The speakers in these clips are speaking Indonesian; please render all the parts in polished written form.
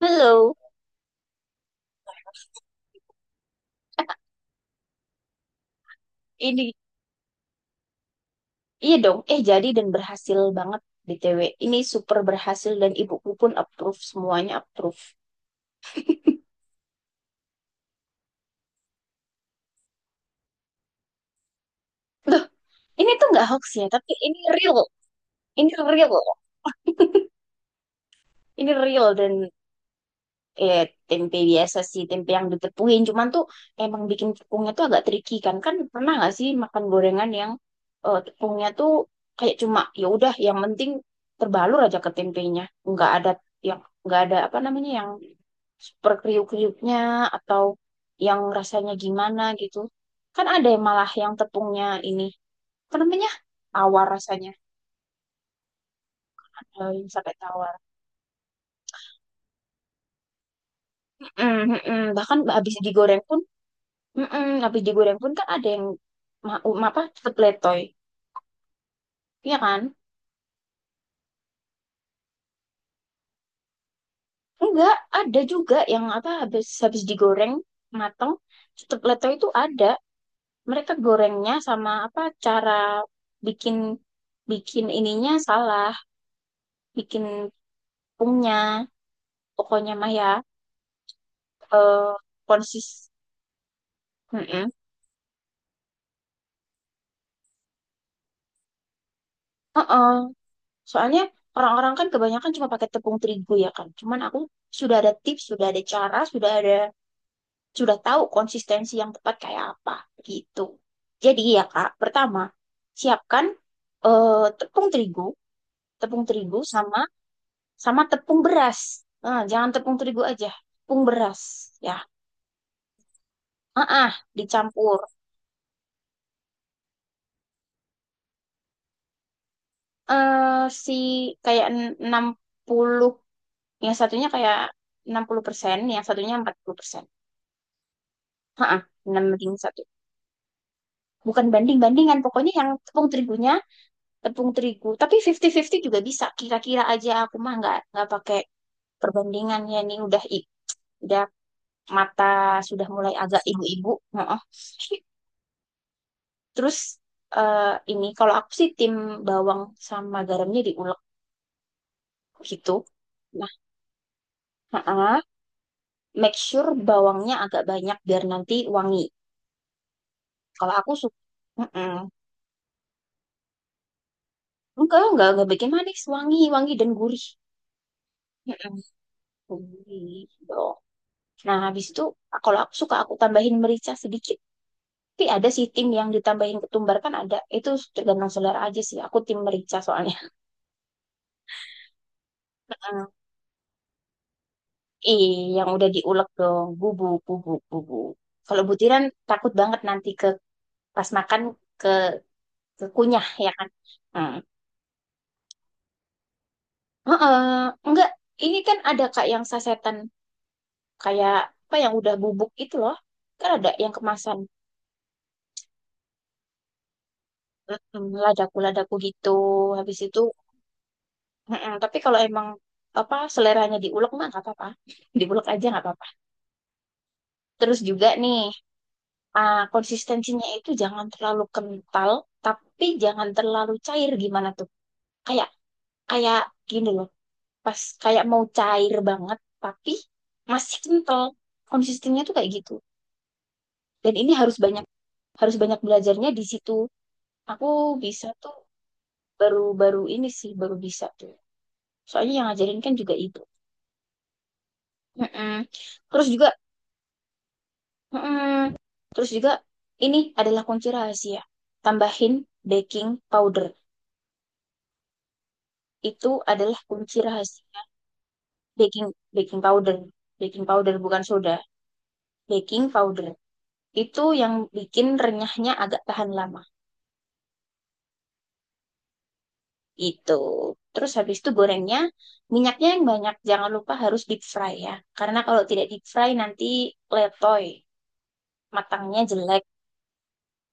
Halo, ini iya dong. Jadi dan berhasil banget BTW. Ini super berhasil dan ibuku pun approve, semuanya approve. Loh, ini tuh nggak hoax ya, tapi ini real. Ini real. Ini real dan eh tempe biasa sih, tempe yang ditepuin. Cuman tuh emang bikin tepungnya tuh agak tricky kan. Kan pernah nggak sih makan gorengan yang tepungnya tuh kayak cuma ya udah yang penting terbalur aja ke tempenya. Nggak ada yang, nggak ada apa namanya, yang super kriuk-kriuknya atau yang rasanya gimana gitu. Kan ada yang malah yang tepungnya ini, apa namanya? Tawar rasanya. Eh, yang sampai tawar. Mm, mm, mm. Bahkan habis digoreng pun, habis digoreng pun kan ada yang ma ma- apa tetep letoy, iya kan? Enggak, ada juga yang apa habis habis digoreng mateng tetep letoy itu ada. Mereka gorengnya sama apa, cara bikin bikin ininya salah, bikin tepungnya pokoknya mah ya. Eh konsis Mm-mm. Heeh. Soalnya orang-orang kan kebanyakan cuma pakai tepung terigu ya kan, cuman aku sudah ada tips, sudah ada cara, sudah ada, sudah tahu konsistensi yang tepat kayak apa gitu. Jadi ya Kak, pertama siapkan eh, tepung terigu, sama, tepung beras. Eh, jangan tepung terigu aja, tepung beras ya, ah dicampur. Eh si Kayak, enam puluh, yang satunya kayak 60%, yang satunya 40%. Heeh, 6 banding satu. Bukan banding-bandingan, pokoknya yang tepung terigunya tepung terigu. Tapi 50-50 juga bisa. Kira-kira aja, aku mah nggak pakai perbandingan ya. Nih udah, udah mata, sudah mulai agak ibu-ibu. Heeh. Terus eh, ini kalau aku sih tim bawang, sama garamnya diulek gitu. Nah, heeh. Make sure bawangnya agak banyak biar nanti wangi. Kalau aku suka. Enggak bikin manis, wangi, wangi dan gurih. Mm-mm. Gurih dong. Nah, habis itu kalau aku suka aku tambahin merica sedikit. Tapi ada sih tim yang ditambahin ketumbar kan, ada. Itu tergantung selera aja sih. Aku tim merica soalnya. Mm-mm. Ih, yang udah diulek dong. Bubuk, bubuk, bubuk. Kalau butiran takut banget nanti pas makan, ke kekunyah ya kan. Hmm. Heeh. Enggak, ini kan ada Kak yang sasetan, kayak apa, yang udah bubuk itu loh. Kan ada yang kemasan. Mm, ladaku-ladaku gitu. Habis itu, mm-mm. Tapi kalau emang apa seleranya diulek mah nggak apa-apa, diulek aja nggak apa-apa. Terus juga nih, konsistensinya itu jangan terlalu kental, tapi jangan terlalu cair gimana tuh? Kayak Kayak gini loh, pas kayak mau cair banget, tapi masih kental. Konsistensinya tuh kayak gitu. Dan ini harus banyak, belajarnya di situ. Aku bisa tuh, baru-baru ini sih baru bisa tuh. Soalnya yang ngajarin kan juga ibu. Mm-mm. Terus juga, mm-mm. Terus juga, ini adalah kunci rahasia. Tambahin baking powder. Itu adalah kunci rahasia. Baking Baking powder. Baking powder bukan soda. Baking powder. Itu yang bikin renyahnya agak tahan lama. Itu. Terus habis itu gorengnya, minyaknya yang banyak. Jangan lupa harus deep fry ya. Karena kalau tidak deep fry nanti letoy. Matangnya jelek.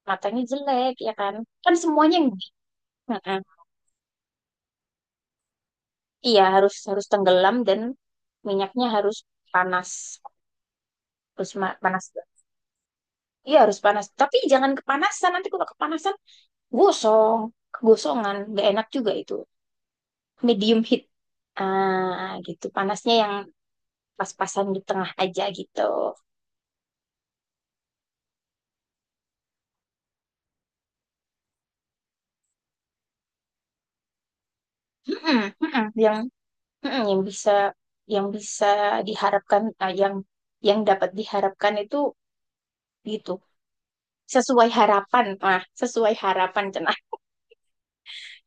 Matangnya jelek ya kan. Kan semuanya yang, iya, harus, tenggelam dan minyaknya harus panas. Harus panas. Iya, harus panas. Tapi jangan kepanasan. Nanti kalau kepanasan, gosong. Kegosongan. Gak enak juga itu. Medium heat. Gitu. Panasnya yang pas-pasan di tengah aja gitu. Mm-mm, mm-mm. Yang mm-mm, yang bisa, yang bisa diharapkan, yang, dapat diharapkan itu gitu. Sesuai harapan. Sesuai harapan cenah.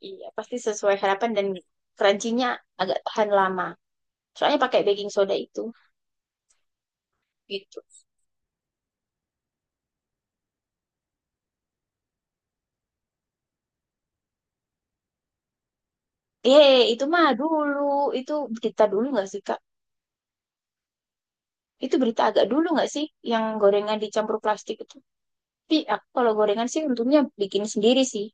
Iya, pasti sesuai harapan dan crunchy-nya agak tahan lama. Soalnya pakai baking soda itu, gitu. Itu mah dulu, itu berita dulu nggak sih, Kak? Itu berita agak dulu nggak sih, yang gorengan dicampur plastik itu? Tapi aku kalau gorengan sih untungnya bikin sendiri sih.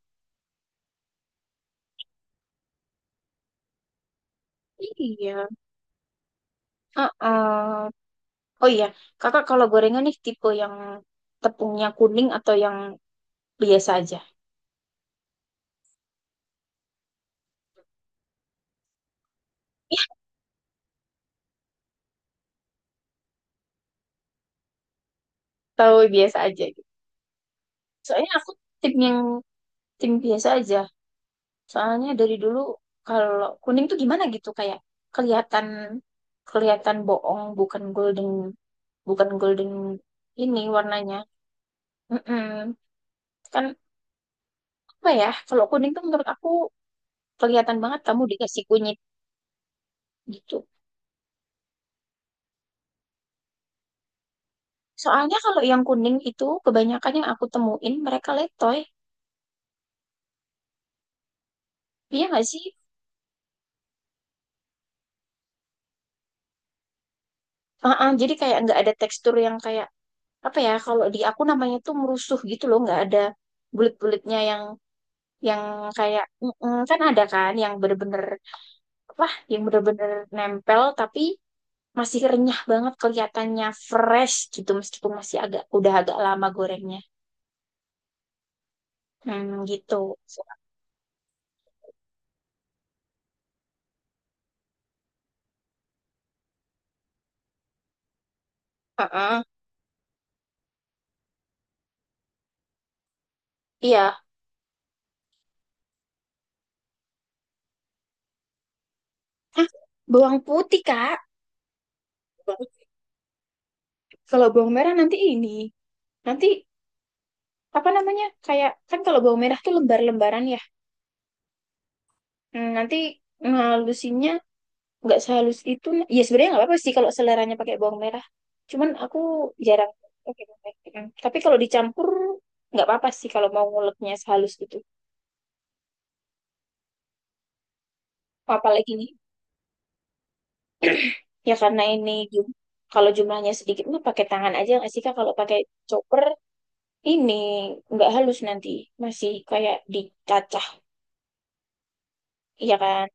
Iya. Heeh. Oh iya, Kakak kalau gorengan nih tipe yang tepungnya kuning atau yang biasa aja? Iya. Tahu biasa aja gitu. Soalnya aku tim yang, tim biasa aja. Soalnya dari dulu kalau kuning tuh gimana gitu, kayak kelihatan, bohong, bukan golden, bukan golden ini warnanya. Mm-mm. Kan apa ya, kalau kuning tuh menurut aku kelihatan banget kamu dikasih kunyit gitu. Soalnya kalau yang kuning itu kebanyakan yang aku temuin mereka letoy. Iya nggak sih? Uh-uh, jadi kayak nggak ada tekstur yang, kayak apa ya, kalau di aku namanya tuh merusuh gitu loh, nggak ada bulet-buletnya yang, yang kayak, kan ada kan yang bener-bener apa, yang bener-bener nempel tapi masih renyah banget kelihatannya fresh gitu, meskipun masih agak, udah agak lama gorengnya, hmm, gitu. Heeh. Iya. Hah, bawang putih Kak. Kalau bawang merah nanti ini, nanti apa namanya, kayak, kan kalau bawang merah tuh lembar-lembaran ya. Hmm, nanti ngalusinnya nggak sehalus itu ya, sebenarnya nggak apa-apa sih kalau seleranya pakai bawang merah, cuman aku jarang pakai bawang merah ya kan. Tapi kalau dicampur nggak apa-apa sih kalau mau nguleknya sehalus itu. Apalagi nih, ya karena ini kalau jumlahnya sedikit mah pakai tangan aja nggak sih Kak, kalau pakai chopper ini nggak halus, nanti masih kayak dicacah, iya kan,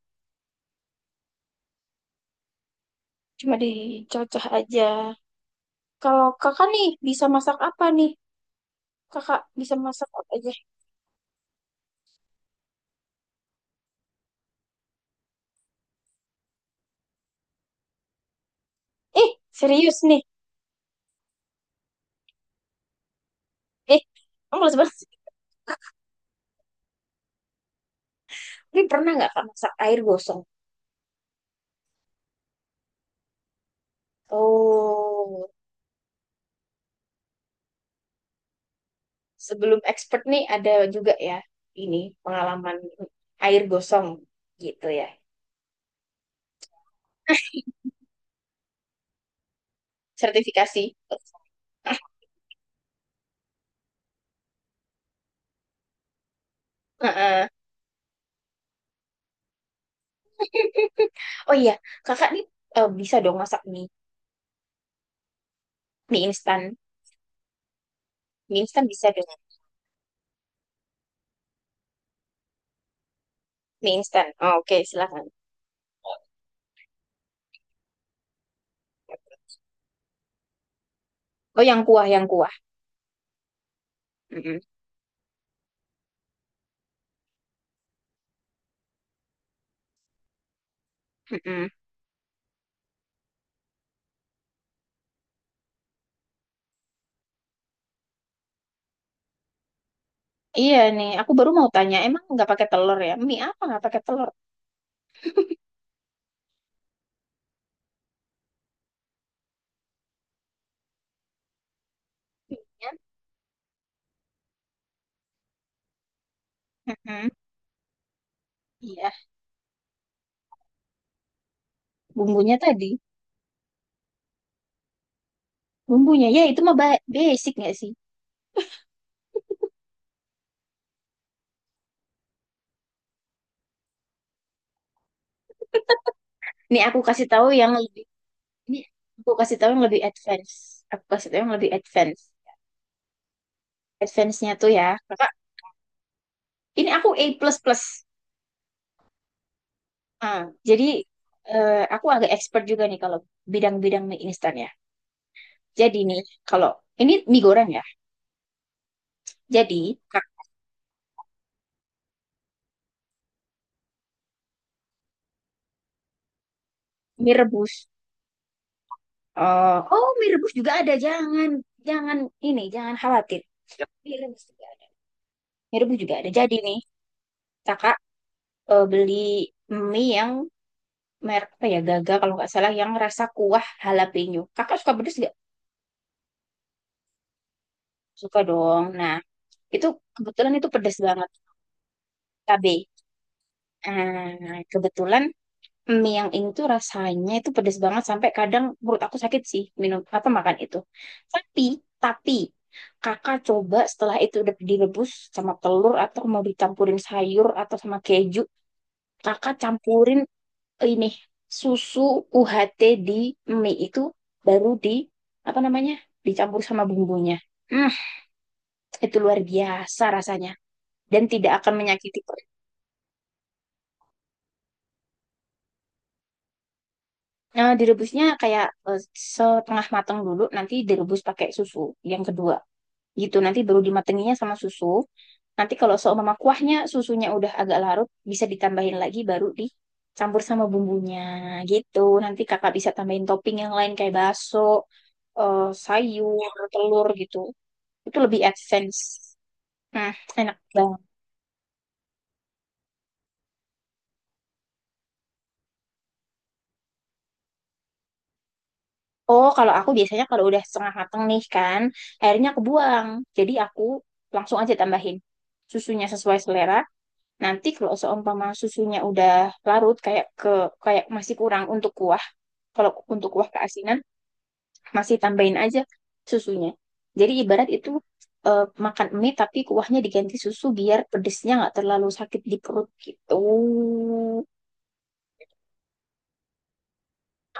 cuma dicacah aja. Kalau Kakak nih bisa masak apa nih, Kakak bisa masak apa aja eh serius nih, eh kamu males banget. Tapi pernah nggak Kak masak air gosong? Oh, sebelum expert nih ada juga ya, ini pengalaman air gosong gitu ya. Sertifikasi. Heeh. Oh iya, Kakak nih, bisa dong masak mie, mie instan. Mie instan bisa dong, mie instan. Oh, oke, silakan. Oh yang kuah, yang kuah. Mm-mm, mm-mm. Iya nih, aku baru mau tanya, emang nggak pakai telur ya? Mie apa nggak pakai telur? Mie-nya, mm-mm. Iya, bumbunya tadi. Bumbunya ya itu mah basic nggak sih? Nih aku kasih tahu yang lebih, ini aku kasih tahu yang lebih advance. Aku kasih tahu yang lebih advance. Advance-nya tuh ya, Kakak. Ini aku A++. Plus plus. Ah, jadi aku agak expert juga nih kalau bidang-bidang mie instan ya. Jadi nih, kalau ini mie goreng ya. Jadi Kak, mie rebus. Oh mie rebus juga ada. Jangan, jangan ini jangan khawatir. Mie rebus juga ada. Mie rebus juga ada. Jadi nih Kakak beli mie yang merek apa ya, Gaga kalau nggak salah, yang rasa kuah jalapeno. Kakak suka pedas nggak? Suka dong. Nah, itu kebetulan itu pedas banget. KB nah, kebetulan mie yang ini tuh rasanya itu pedas banget sampai kadang perut aku sakit sih minum apa makan itu. tapi tapi Kakak coba, setelah itu udah direbus sama telur, atau mau dicampurin sayur atau sama keju, Kakak campurin ini susu UHT di mie itu, baru di apa namanya, dicampur sama bumbunya. Hmm, itu luar biasa rasanya dan tidak akan menyakiti perut. Nah, direbusnya kayak setengah matang dulu, nanti direbus pakai susu yang kedua. Gitu, nanti baru dimatenginya sama susu. Nanti kalau seumpama kuahnya, susunya udah agak larut, bisa ditambahin lagi baru dicampur sama bumbunya gitu. Nanti Kakak bisa tambahin topping yang lain kayak bakso, sayur, telur gitu. Itu lebih advance. Nah, enak banget. Oh, kalau aku biasanya kalau udah setengah mateng nih kan, airnya aku buang. Jadi aku langsung aja tambahin susunya sesuai selera. Nanti kalau seumpama susunya udah larut, kayak kayak masih kurang untuk kuah. Kalau untuk kuah keasinan, masih tambahin aja susunya. Jadi ibarat itu makan mie tapi kuahnya diganti susu biar pedesnya nggak terlalu sakit di perut gitu.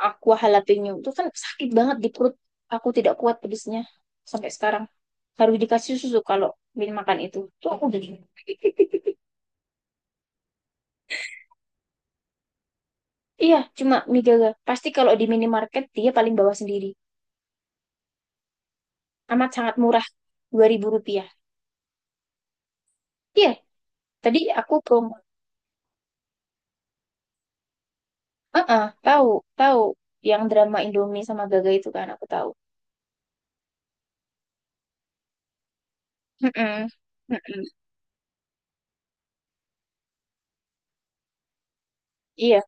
Aku jalapeno itu kan sakit banget di perut. Aku tidak kuat pedesnya sampai sekarang. Harus dikasih susu kalau makan itu. Tuh aku udah. Iya, cuma mie Gaga. Pasti kalau di minimarket dia paling bawah sendiri. Amat sangat murah, Rp2.000. Iya, tadi aku promo. Heeh, tahu, tahu. Yang drama Indomie sama Gaga itu kan aku tahu. Heeh, heeh. Iya.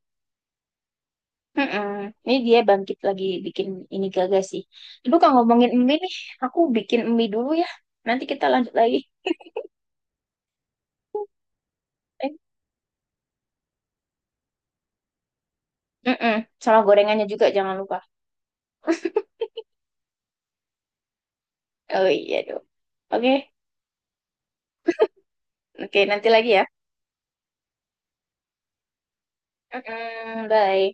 Mm-mm. Ini dia bangkit lagi bikin ini, Gagas sih. Ibu, kalau ngomongin mie nih, aku bikin mie dulu ya. Nanti kita lanjut lagi. Eh, mm-mm. Sama gorengannya juga jangan lupa. Oh iya dong. Oke, oke nanti lagi ya. Mm-mm. Bye.